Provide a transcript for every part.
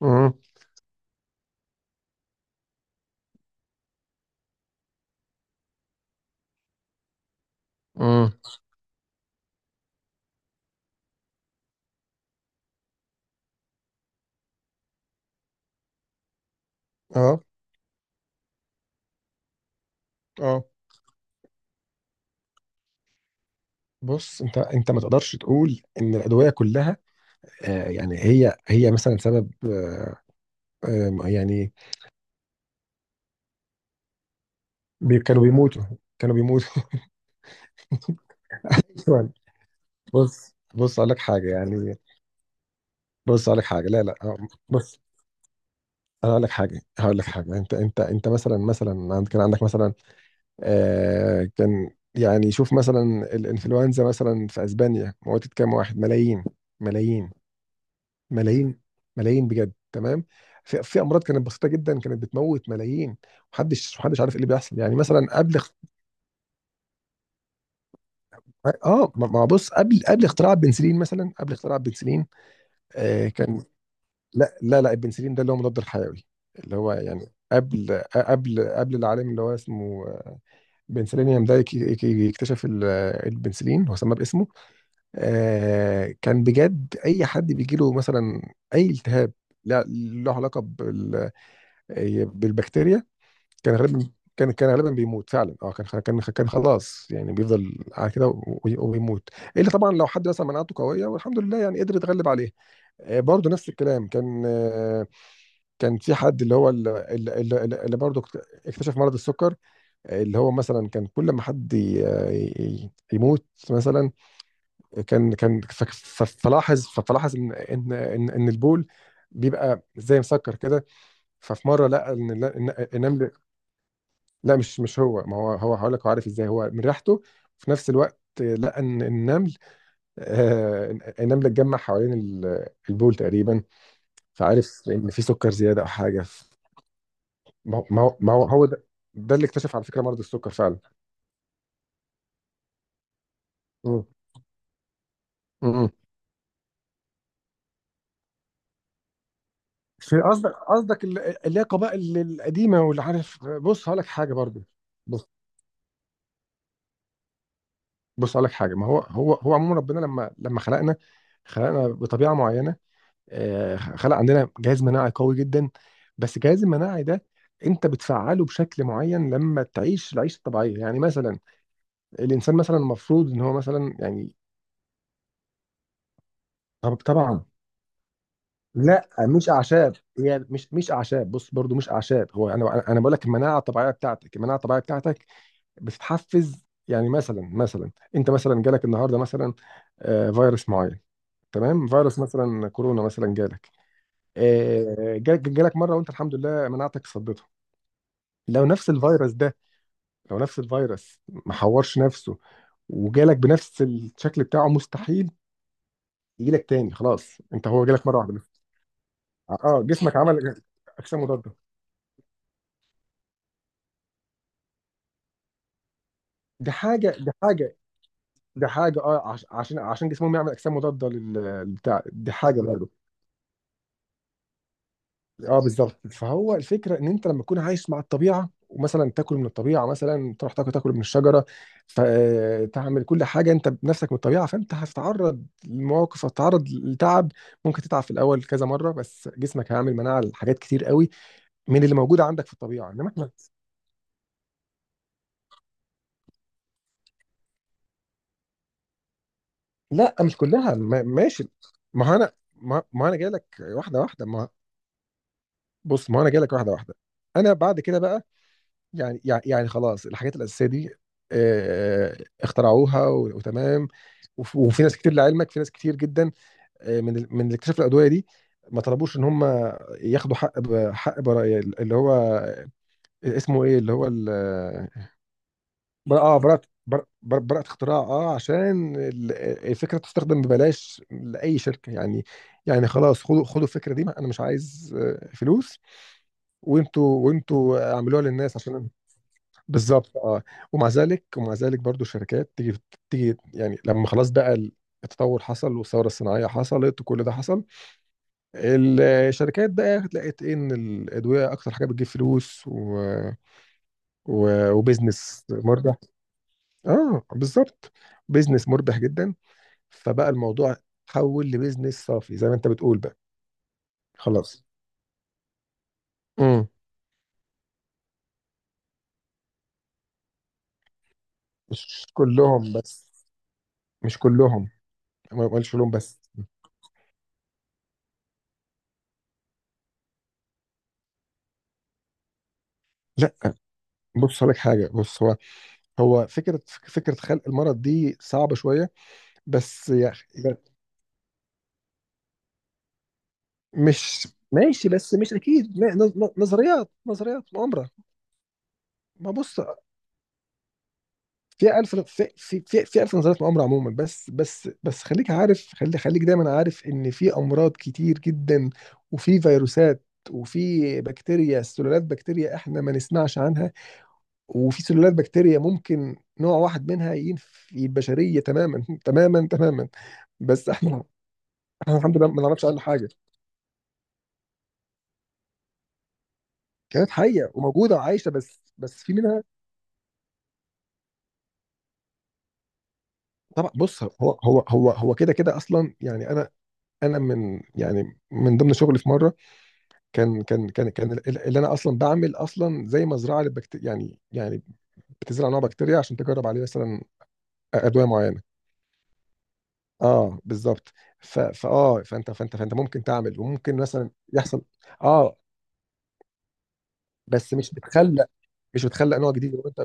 امم. امم. اه. اه. بص، انت ما تقدرش تقول ان الادويه كلها، يعني هي مثلا سبب آه، يعني كانوا بيموتوا. كانوا بيموتوا. يعني. بص اقول لك حاجه. يعني بص اقول لك حاجه. لا لا آه، بص، انا اقول لك حاجه. هقول لك حاجه. انت مثلا، كان عندك مثلا كان. يعني شوف مثلا الانفلونزا مثلا في اسبانيا موتت كام واحد، ملايين. ملايين. ملايين. ملايين بجد، تمام. في امراض كانت بسيطه جدا، كانت بتموت ملايين. محدش عارف ايه اللي بيحصل. يعني مثلا قبل اخت- اه ما ما بص، قبل اختراع البنسلين، مثلا قبل اختراع البنسلين كان. لا، لا، لا، البنسلين ده اللي هو مضاد الحيوي، اللي هو يعني قبل العالم اللي هو اسمه بنسلينيوم ده يكتشف البنسلين، هو سماه باسمه. كان بجد اي حد بيجيله مثلا اي التهاب لا له علاقه بالبكتيريا، كان غالبا كان غالبا بيموت فعلا. اه، كان كان خلاص، يعني بيفضل على كده وبيموت. الا طبعا لو حد مثلا مناعته قويه والحمد لله يعني قدر يتغلب عليه. برضه نفس الكلام. كان في حد، اللي هو اللي برضه اكتشف مرض السكر. اللي هو مثلا كان كل ما حد يموت مثلا، كان فلاحظ ان إن البول بيبقى زي مسكر كده. ففي مره لقى ان النمل. لا، مش هو. ما هو، هو هقول لك، هو عارف ازاي؟ هو من ريحته. وفي نفس الوقت لقى ان النمل، آه النمل اتجمع حوالين البول تقريبا، فعارف ان في سكر زياده او حاجه. ما هو ده اللي اكتشف على فكره مرض السكر فعلا. مم. مم. في، قصدك، اللي هي قبائل القديمه واللي عارف. بص هقول لك حاجه برضو. بص بص هقول لك حاجه. ما هو هو عموما ربنا لما خلقنا، خلقنا بطبيعه معينه. خلق عندنا جهاز مناعي قوي جدا. بس الجهاز المناعي ده انت بتفعله بشكل معين لما تعيش العيشه الطبيعيه. يعني مثلا الانسان مثلا المفروض ان هو مثلا يعني. طب طبعا. لا، مش اعشاب، هي مش اعشاب. بص برضو مش اعشاب، هو انا بقول لك المناعه الطبيعيه بتاعتك، المناعه الطبيعيه بتاعتك بتتحفز. يعني مثلا انت مثلا جالك النهارده مثلا فيروس معين. تمام، فيروس مثلا كورونا مثلا جالك. جالك مره وانت الحمد لله مناعتك صدته. لو نفس الفيروس ده، لو نفس الفيروس ما حورش نفسه وجالك بنفس الشكل بتاعه، مستحيل يجيلك تاني. خلاص، انت هو جالك مره واحده بس. اه، جسمك عمل إيه؟ اجسام مضاده. دي حاجه، دي حاجه. دي حاجه اه عشان جسمهم يعمل اجسام مضاده للبتاع. دي حاجه. اه بالظبط. فهو الفكره ان انت لما تكون عايش مع الطبيعه، ومثلا تاكل من الطبيعه، مثلا تروح تاكل من الشجره، فتعمل كل حاجه انت بنفسك من الطبيعه، فانت هتتعرض لمواقف، هتتعرض لتعب. ممكن تتعب في الاول كذا مره، بس جسمك هيعمل مناعه لحاجات كتير قوي من اللي موجوده عندك في الطبيعه. انما احنا. لا، مش كلها. ماشي. ما هو انا ما ما انا جاي لك واحده واحده. ما بص، ما هو انا جاي لك واحده واحده. انا بعد كده بقى يعني خلاص الحاجات الأساسية دي اخترعوها وتمام. وفي ناس كتير، لعلمك، في ناس كتير جدا من من اللي اكتشفوا الأدوية دي ما طلبوش ان هم ياخدوا حق حق براءة. اللي هو اسمه ايه، اللي هو براءة، براءة اختراع، اه عشان الفكرة تستخدم ببلاش لأي شركة. يعني يعني خلاص، خدوا الفكرة دي، انا مش عايز فلوس، وانتوا اعملوها للناس عشان. بالظبط، اه. ومع ذلك برضو الشركات تيجي، تيجي يعني لما خلاص بقى التطور حصل والثوره الصناعيه حصلت وكل ده حصل، الشركات بقى لقيت إيه، ان الادويه اكتر حاجه بتجيب فلوس، و... و... وبزنس مربح. اه بالظبط. بزنس مربح جدا. فبقى الموضوع تحول لبزنس صافي زي ما انت بتقول بقى. خلاص. امم. مش كلهم بس، مش كلهم، ما ما قالش كلهم بس. لا، بص هقول لك حاجه. بص، هو، هو فكرة خلق المرض دي صعبة شوية بس يا أخي. مش ماشي بس مش أكيد، نظريات مؤامرة. ما بص، في ألف في في في, في ألف نظريات مؤامرة عموما. بس بس بس خليك عارف، خليك دايما عارف إن في أمراض كتير جدا، وفي فيروسات، وفي بكتيريا، سلالات بكتيريا احنا ما نسمعش عنها. وفي سلالات بكتيريا ممكن نوع واحد منها ينفي البشرية تماما تماما تماما. بس احنا، احنا الحمد لله ما نعرفش عنها حاجه. كانت حيه وموجوده وعايشه، بس في منها. طبعا. بص، هو كده كده اصلا. يعني انا من يعني من ضمن شغلي في مره، كان اللي انا اصلا بعمل اصلا زي مزرعه للبكتيريا. يعني يعني بتزرع نوع بكتيريا عشان تجرب عليه مثلا ادويه معينه. اه بالظبط. ف فاه فانت فانت ممكن تعمل وممكن مثلا يحصل. اه، بس مش بتخلق، مش بتخلق نوع جديد وانت.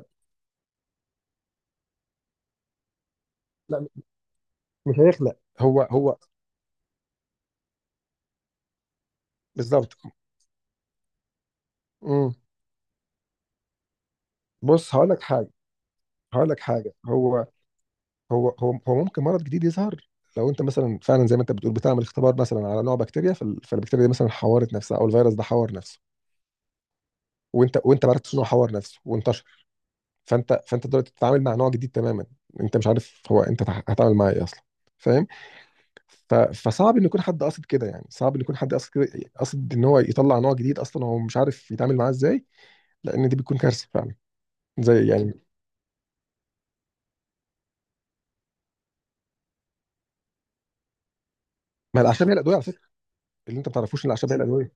لا، مش هيخلق هو. بالظبط. مم. بص هقول لك حاجه. هقول لك حاجه. هو ممكن مرض جديد يظهر لو انت مثلا فعلا زي ما انت بتقول بتعمل اختبار مثلا على نوع بكتيريا، فالبكتيريا دي مثلا حورت نفسها، او الفيروس ده حور نفسه وانت ما عرفتش انه حور نفسه وانتشر. فانت دلوقتي بتتعامل مع نوع جديد تماما، انت مش عارف هو انت هتعامل معاه ايه اصلا. فاهم؟ فصعب ان يكون حد قاصد كده. يعني صعب ان يكون حد قاصد كده، قاصد ان هو يطلع نوع جديد اصلا هو مش عارف يتعامل معاه ازاي، لان دي بتكون كارثه فعلا. زي يعني. ما الاعشاب هي الادويه على فكره، اللي انت ما تعرفوش ان الاعشاب هي الادويه.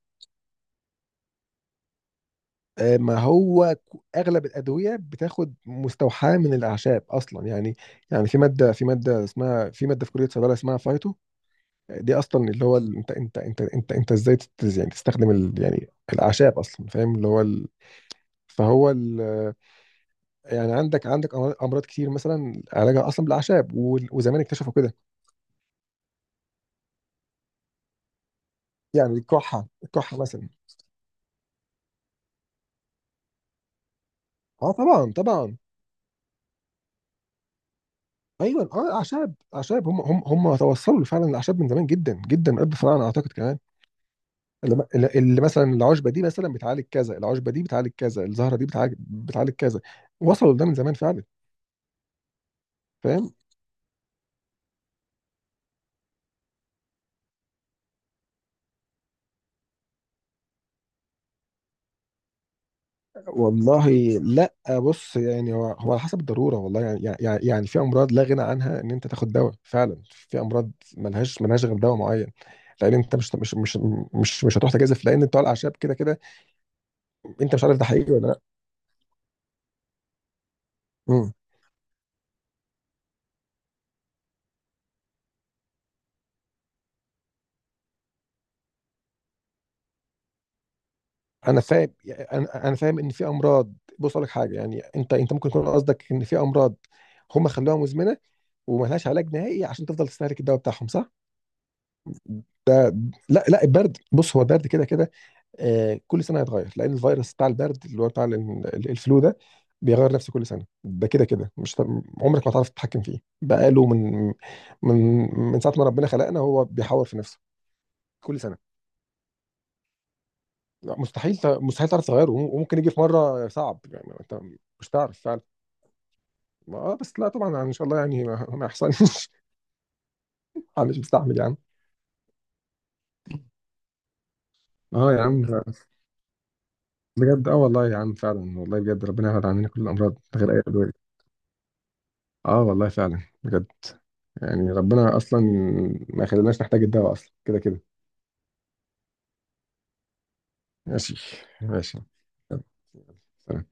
ما هو اغلب الادويه بتاخد مستوحاه من الاعشاب اصلا. يعني يعني في ماده، اسمها في ماده في كليه صيدله اسمها فايتو. دي اصلا اللي هو انت ازاي يعني تستخدم ال يعني الاعشاب اصلا. فاهم؟ اللي هو ال. فهو ال. يعني عندك امراض، أمراض كتير مثلا علاجها اصلا بالاعشاب وزمان اكتشفوا كده. يعني الكحه، مثلا. اه، طبعا طبعا. ايوه، اه، اعشاب، اعشاب، هم توصلوا فعلا الاعشاب من زمان جدا جدا، قبل الفراعنه اعتقد كمان. اللي اللي مثلا العشبه دي مثلا بتعالج كذا، العشبه دي بتعالج كذا، الزهره دي بتعالج كذا. وصلوا لده من زمان فعلا. فاهم؟ والله لا. بص يعني هو على حسب الضروره. والله يعني يعني في امراض لا غنى عنها ان انت تاخد دواء فعلا، في امراض ملهاش غير دواء معين. لان انت مش هتروح تجازف، لان بتوع الاعشاب كده كده انت مش عارف ده حقيقي ولا لا. إمم. انا فاهم. انا فاهم ان في امراض. بص اقول لك حاجه، يعني انت ممكن يكون قصدك ان في امراض هم خلوها مزمنه وما لهاش علاج نهائي عشان تفضل تستهلك الدواء بتاعهم، صح؟ ده لا، لا. البرد بص، هو البرد كده كده، كل سنه هيتغير، لان الفيروس بتاع البرد اللي هو بتاع الفلو ده بيغير نفسه كل سنه. ده كده كده مش عمرك ما هتعرف تتحكم فيه، بقاله من من من ساعه ما ربنا خلقنا هو بيحور في نفسه كل سنه. لا مستحيل مستحيل تعرف تغيره، وممكن يجي في مره صعب. يعني انت مش تعرف فعلا. اه بس لا طبعا، يعني ان شاء الله يعني ما ما يحصلش انا مش مستحمل يا عم. اه يا عم، بجد اه والله يا عم فعلا. والله بجد ربنا يبعد عننا كل الامراض من غير اي ادويه. اه والله فعلا بجد. يعني ربنا اصلا ما يخليناش نحتاج الدواء اصلا كده كده. ماشي. ماشي. يلا، سلام.